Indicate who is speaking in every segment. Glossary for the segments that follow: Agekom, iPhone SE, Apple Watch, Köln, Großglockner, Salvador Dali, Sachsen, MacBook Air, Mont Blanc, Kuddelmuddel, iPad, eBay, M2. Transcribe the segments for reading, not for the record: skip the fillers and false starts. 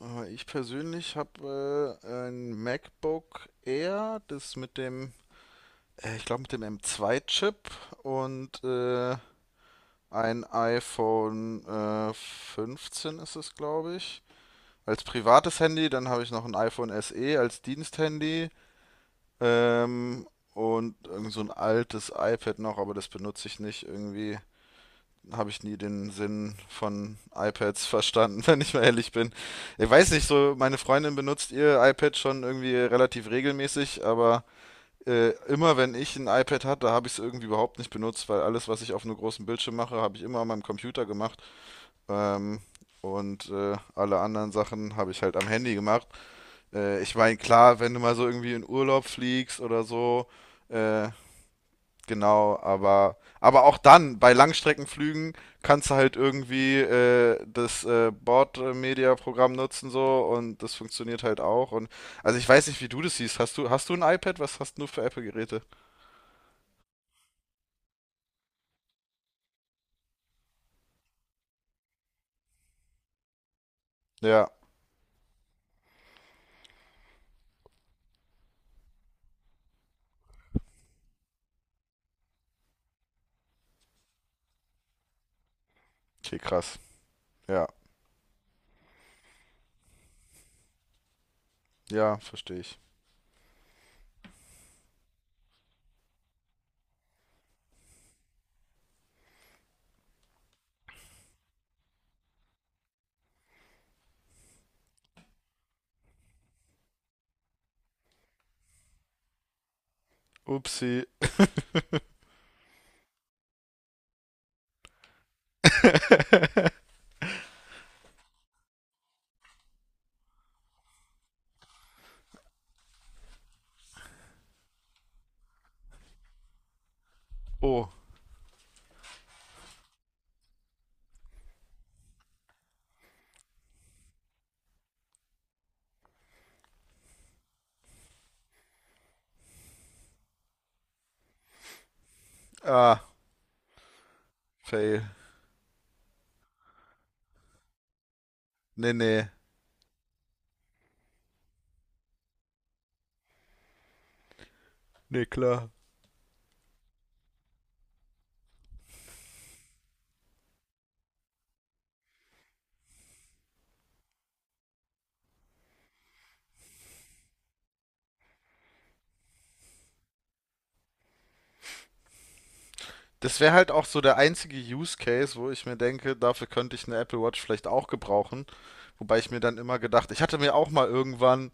Speaker 1: Ich persönlich habe ein MacBook Air, das mit dem, ich glaube mit dem M2-Chip und äh, ein iPhone 15 ist es, glaube ich, als privates Handy. Dann habe ich noch ein iPhone SE als Diensthandy ähm, und irgend so ein altes iPad noch, aber das benutze ich nicht irgendwie, habe ich nie den Sinn von iPads verstanden, wenn ich mal ehrlich bin. Ich weiß nicht, so meine Freundin benutzt ihr iPad schon irgendwie relativ regelmäßig, aber immer wenn ich ein iPad hatte, habe ich es irgendwie überhaupt nicht benutzt, weil alles, was ich auf einem großen Bildschirm mache, habe ich immer an meinem Computer gemacht. Ähm, Alle anderen Sachen habe ich halt am Handy gemacht. Ich meine, klar, wenn du mal so irgendwie in Urlaub fliegst oder so, äh, genau, aber auch dann, bei Langstreckenflügen kannst du halt irgendwie das Bordmedia-Programm nutzen so und das funktioniert halt auch. Und also ich weiß nicht, wie du das siehst. Hast du ein iPad? Was hast du für Apple-Geräte? Ja, okay, krass. Ja, ja, verstehe ich. Upsi. Oh, ah, fail. Nee, nee. Nee, klar. Das wäre halt auch so der einzige Use Case, wo ich mir denke, dafür könnte ich eine Apple Watch vielleicht auch gebrauchen. Wobei ich mir dann immer gedacht, ich hatte mir auch mal irgendwann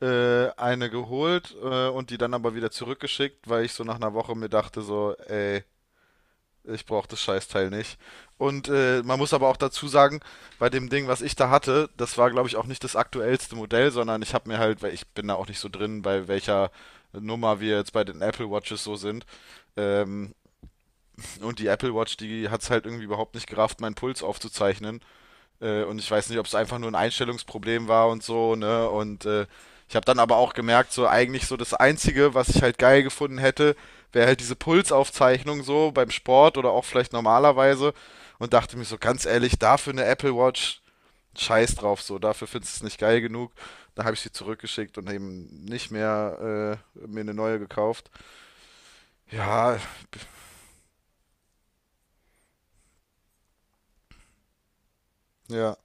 Speaker 1: eine geholt und die dann aber wieder zurückgeschickt, weil ich so nach einer Woche mir dachte so, ey, ich brauche das Scheißteil nicht. Und man muss aber auch dazu sagen, bei dem Ding, was ich da hatte, das war, glaube ich, auch nicht das aktuellste Modell, sondern ich habe mir halt, weil ich bin da auch nicht so drin, bei welcher Nummer wir jetzt bei den Apple Watches so sind. Ähm, und die Apple Watch, die hat es halt irgendwie überhaupt nicht gerafft, meinen Puls aufzuzeichnen. Und ich weiß nicht, ob es einfach nur ein Einstellungsproblem war und so, ne? Und ich habe dann aber auch gemerkt, so eigentlich so das Einzige, was ich halt geil gefunden hätte, wäre halt diese Pulsaufzeichnung so beim Sport oder auch vielleicht normalerweise. Und dachte mir so ganz ehrlich, dafür eine Apple Watch, scheiß drauf, so, dafür findest du es nicht geil genug. Da habe ich sie zurückgeschickt und eben nicht mehr mir eine neue gekauft. Ja, ja,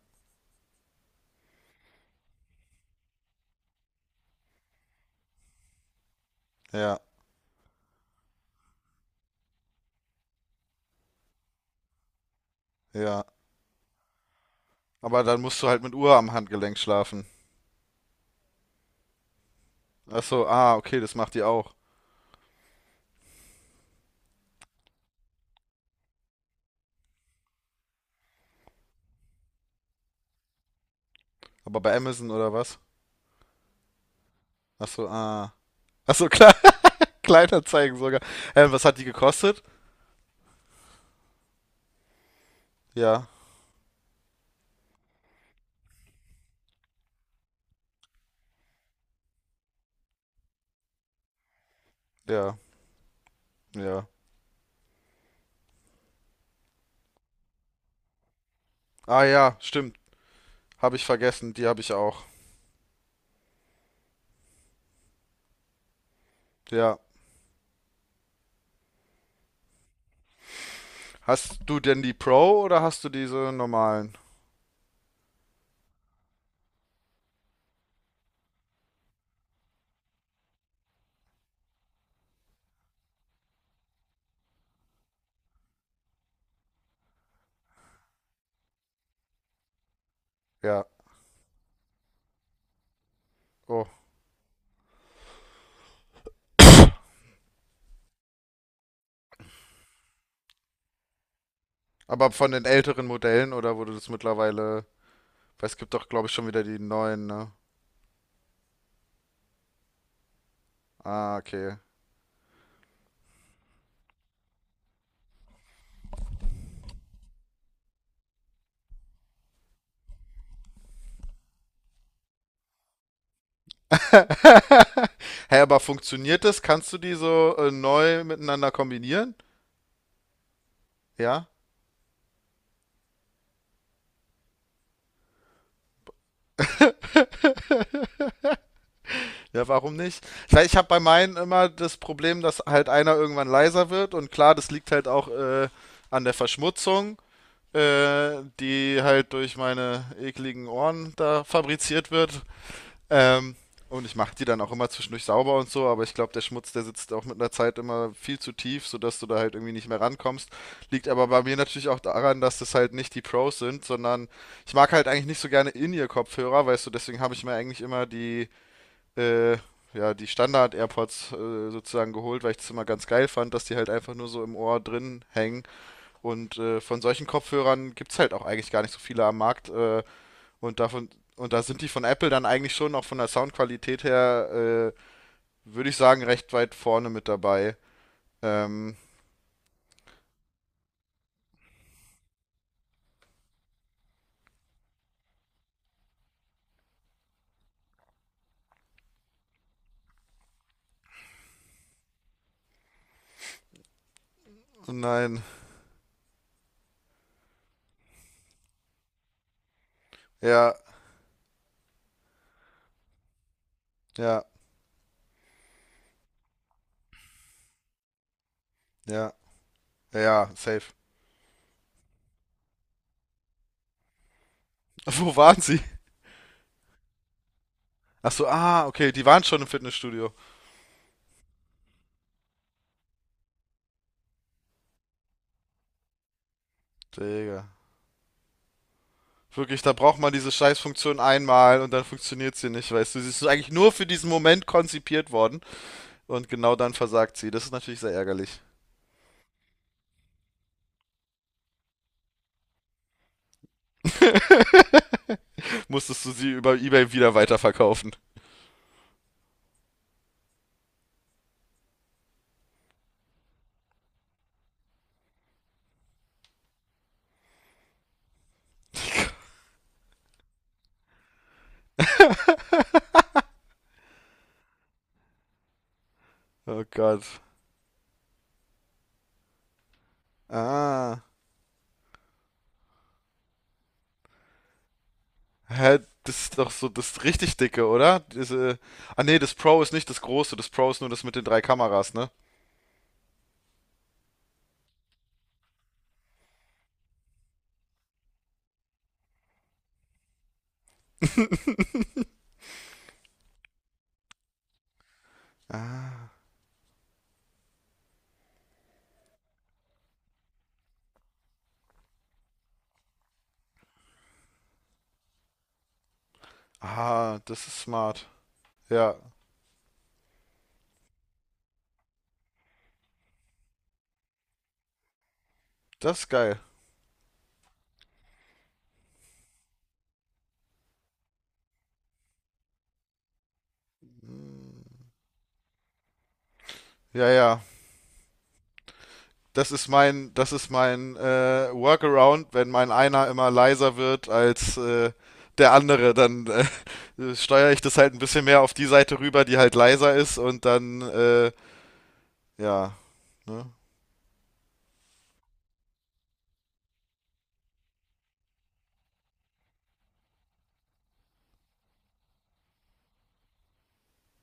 Speaker 1: ja, ja. Aber dann musst du halt mit Uhr am Handgelenk schlafen. Achso, ah, okay, das macht die auch. Aber bei Amazon oder was? Achso, ah. Achso, klar, Kleinanzeigen sogar. Was hat die gekostet? Ja, ja, ja. Ah ja, stimmt. Habe ich vergessen, die habe ich auch. Ja. Hast du denn die Pro oder hast du diese normalen? Ja. Oh. Aber von den älteren Modellen oder wurde das mittlerweile. Weil es gibt doch, glaube ich, schon wieder die neuen, ne? Ah, okay. Hä, hey, aber funktioniert das? Kannst du die so neu miteinander kombinieren? Ja? Ja, warum nicht? Ich weiß, ich habe bei meinen immer das Problem, dass halt einer irgendwann leiser wird und klar, das liegt halt auch an der Verschmutzung, die halt durch meine ekligen Ohren da fabriziert wird. Ähm, und ich mache die dann auch immer zwischendurch sauber und so, aber ich glaube, der Schmutz, der sitzt auch mit einer Zeit immer viel zu tief, sodass du da halt irgendwie nicht mehr rankommst. Liegt aber bei mir natürlich auch daran, dass das halt nicht die Pros sind, sondern ich mag halt eigentlich nicht so gerne In-Ear-Kopfhörer, weißt du, deswegen habe ich mir eigentlich immer die äh, ja, die Standard-AirPods sozusagen geholt, weil ich das immer ganz geil fand, dass die halt einfach nur so im Ohr drin hängen. Und von solchen Kopfhörern gibt's halt auch eigentlich gar nicht so viele am Markt. Und davon, und da sind die von Apple dann eigentlich schon auch von der Soundqualität her, würde ich sagen, recht weit vorne mit dabei. Ähm, oh nein. Ja, ja, ja, ja, safe. Wo waren sie? Achso, ah, okay, die waren schon im Fitnessstudio. Digga. Wirklich, da braucht man diese Scheißfunktion einmal und dann funktioniert sie nicht, weißt du. Sie ist eigentlich nur für diesen Moment konzipiert worden und genau dann versagt sie. Das ist natürlich sehr ärgerlich. Musstest du sie über eBay wieder weiterverkaufen. Oh Gott. Ah. Hä, das ist doch so das richtig dicke, oder? Diese. Ah nee, das Pro ist nicht das große, das Pro ist nur das mit den drei Kameras, ne? Ah, ah, das ist smart. Ja, das ist geil. Hm, ja, ja. Das ist mein, das ist mein Workaround, wenn mein einer immer leiser wird als der andere, dann steuere ich das halt ein bisschen mehr auf die Seite rüber, die halt leiser ist und dann, ja, ne?